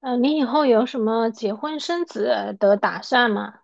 嗯，你以后有什么结婚生子的打算吗？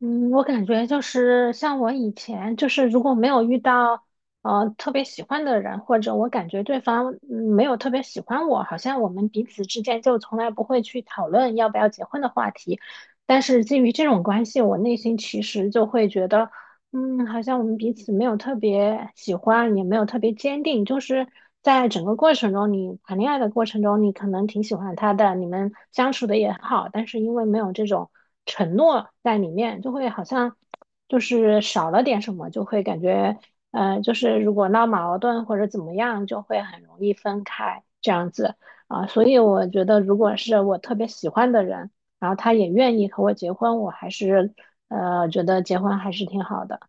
嗯，我感觉就是像我以前，就是如果没有遇到特别喜欢的人，或者我感觉对方没有特别喜欢我，好像我们彼此之间就从来不会去讨论要不要结婚的话题。但是基于这种关系，我内心其实就会觉得。嗯，好像我们彼此没有特别喜欢，也没有特别坚定，就是在整个过程中，你谈恋爱的过程中，你可能挺喜欢他的，你们相处的也很好，但是因为没有这种承诺在里面，就会好像就是少了点什么，就会感觉，就是如果闹矛盾或者怎么样，就会很容易分开这样子啊，所以我觉得，如果是我特别喜欢的人，然后他也愿意和我结婚，我还是觉得结婚还是挺好的。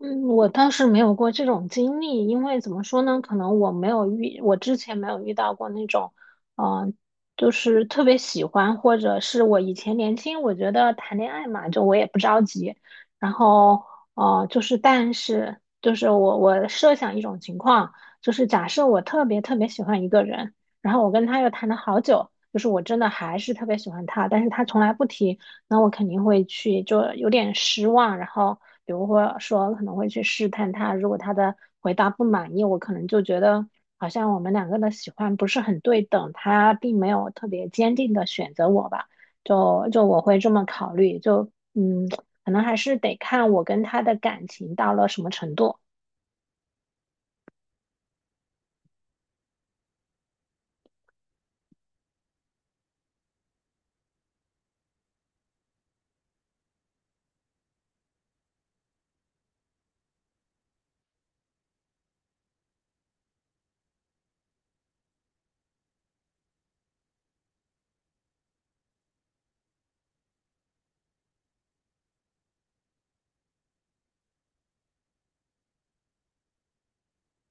嗯，我倒是没有过这种经历，因为怎么说呢，可能我没有遇，我之前没有遇到过那种，嗯、就是特别喜欢，或者是我以前年轻，我觉得谈恋爱嘛，就我也不着急，然后，就是但是我设想一种情况，就是假设我特别特别喜欢一个人，然后我跟他又谈了好久，就是我真的还是特别喜欢他，但是他从来不提。那我肯定会去，就有点失望，然后比如或说可能会去试探他，如果他的回答不满意，我可能就觉得好像我们两个的喜欢不是很对等，他并没有特别坚定的选择我吧，就我会这么考虑，就嗯，可能还是得看我跟他的感情到了什么程度。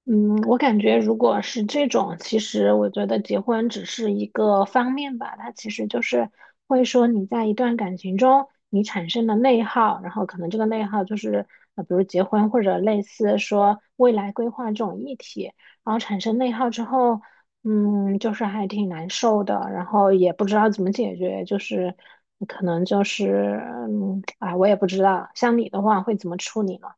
嗯，我感觉如果是这种，其实我觉得结婚只是一个方面吧，它其实就是会说你在一段感情中你产生了内耗，然后可能这个内耗就是比如结婚或者类似说未来规划这种议题，然后产生内耗之后，嗯，就是还挺难受的，然后也不知道怎么解决，就是可能就是嗯，啊，我也不知道，像你的话会怎么处理呢？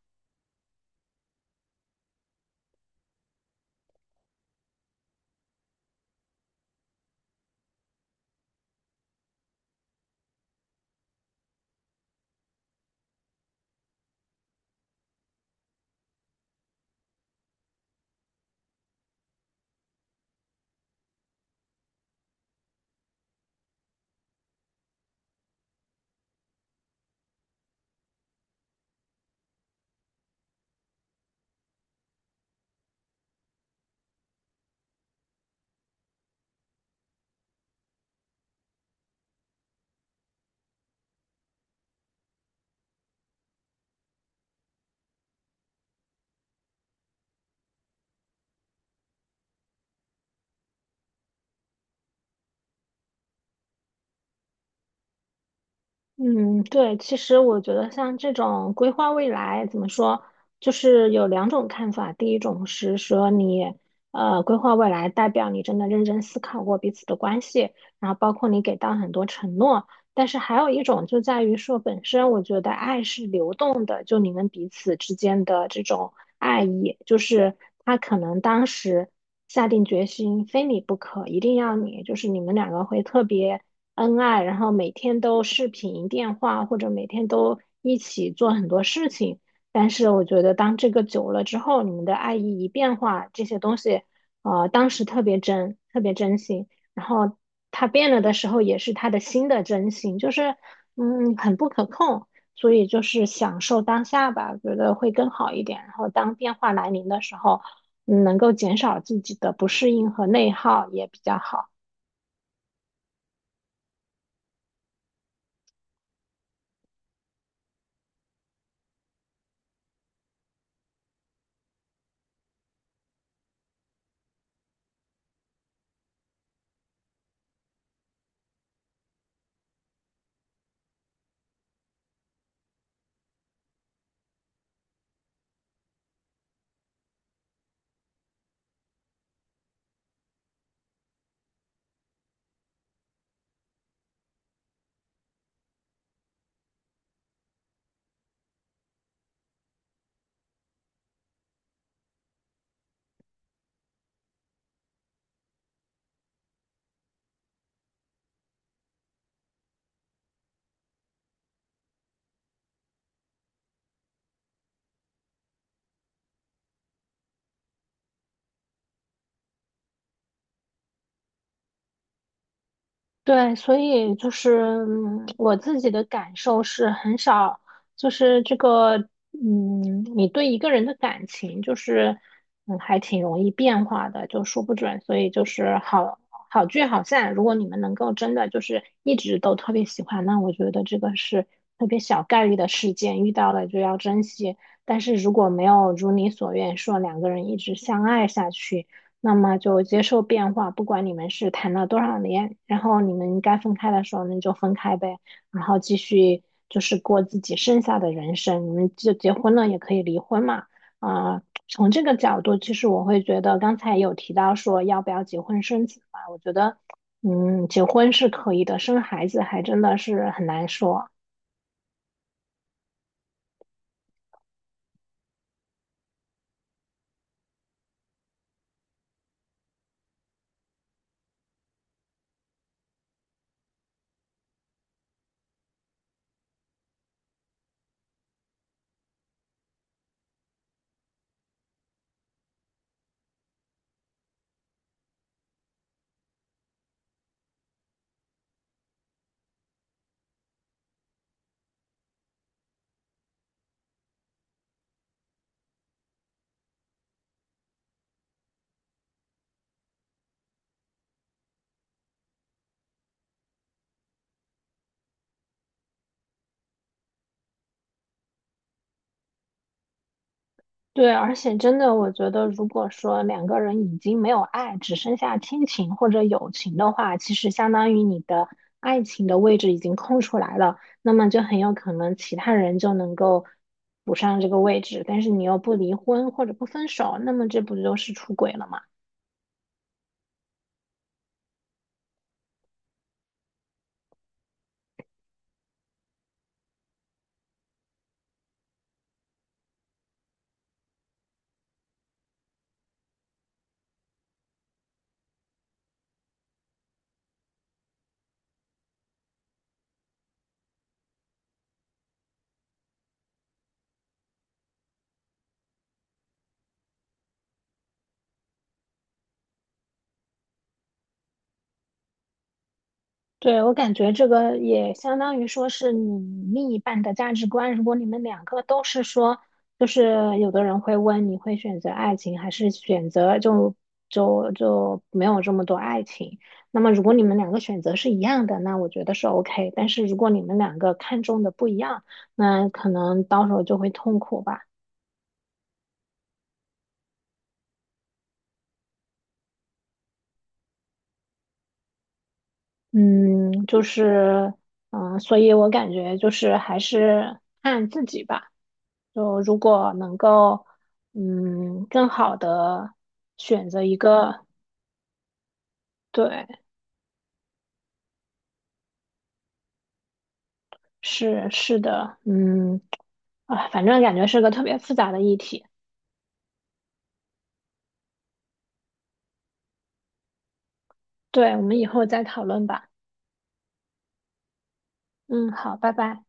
嗯，对，其实我觉得像这种规划未来，怎么说，就是有两种看法。第一种是说你，规划未来代表你真的认真思考过彼此的关系，然后包括你给到很多承诺。但是还有一种就在于说，本身我觉得爱是流动的，就你们彼此之间的这种爱意，就是他可能当时下定决心非你不可，一定要你，就是你们两个会特别。恩爱，然后每天都视频电话或者每天都一起做很多事情。但是我觉得，当这个久了之后，你们的爱意一变化，这些东西，当时特别真，特别真心。然后他变了的时候，也是他的新的真心，就是嗯，很不可控。所以就是享受当下吧，觉得会更好一点。然后当变化来临的时候，嗯能够减少自己的不适应和内耗也比较好。对，所以就是嗯我自己的感受是很少，就是这个，嗯，你对一个人的感情就是，嗯，还挺容易变化的，就说不准。所以就是好好聚好散，如果你们能够真的就是一直都特别喜欢，那我觉得这个是特别小概率的事件，遇到了就要珍惜。但是如果没有如你所愿，说两个人一直相爱下去。那么就接受变化，不管你们是谈了多少年，然后你们该分开的时候，那就分开呗，然后继续就是过自己剩下的人生。你们就结婚了也可以离婚嘛，啊、从这个角度，其实我会觉得刚才有提到说要不要结婚生子嘛，我觉得，嗯，结婚是可以的，生孩子还真的是很难说。对，而且真的，我觉得，如果说两个人已经没有爱，只剩下亲情或者友情的话，其实相当于你的爱情的位置已经空出来了，那么就很有可能其他人就能够补上这个位置，但是你又不离婚或者不分手，那么这不就是出轨了吗？对，我感觉这个也相当于说是你另一半的价值观。如果你们两个都是说，就是有的人会问你会选择爱情还是选择就没有这么多爱情。那么如果你们两个选择是一样的，那我觉得是 OK。但是如果你们两个看中的不一样，那可能到时候就会痛苦吧。嗯，就是嗯，所以我感觉就是还是看自己吧。就如果能够，嗯，更好的选择一个，对，是是的，嗯，啊，反正感觉是个特别复杂的议题。对，我们以后再讨论吧。嗯，好，拜拜。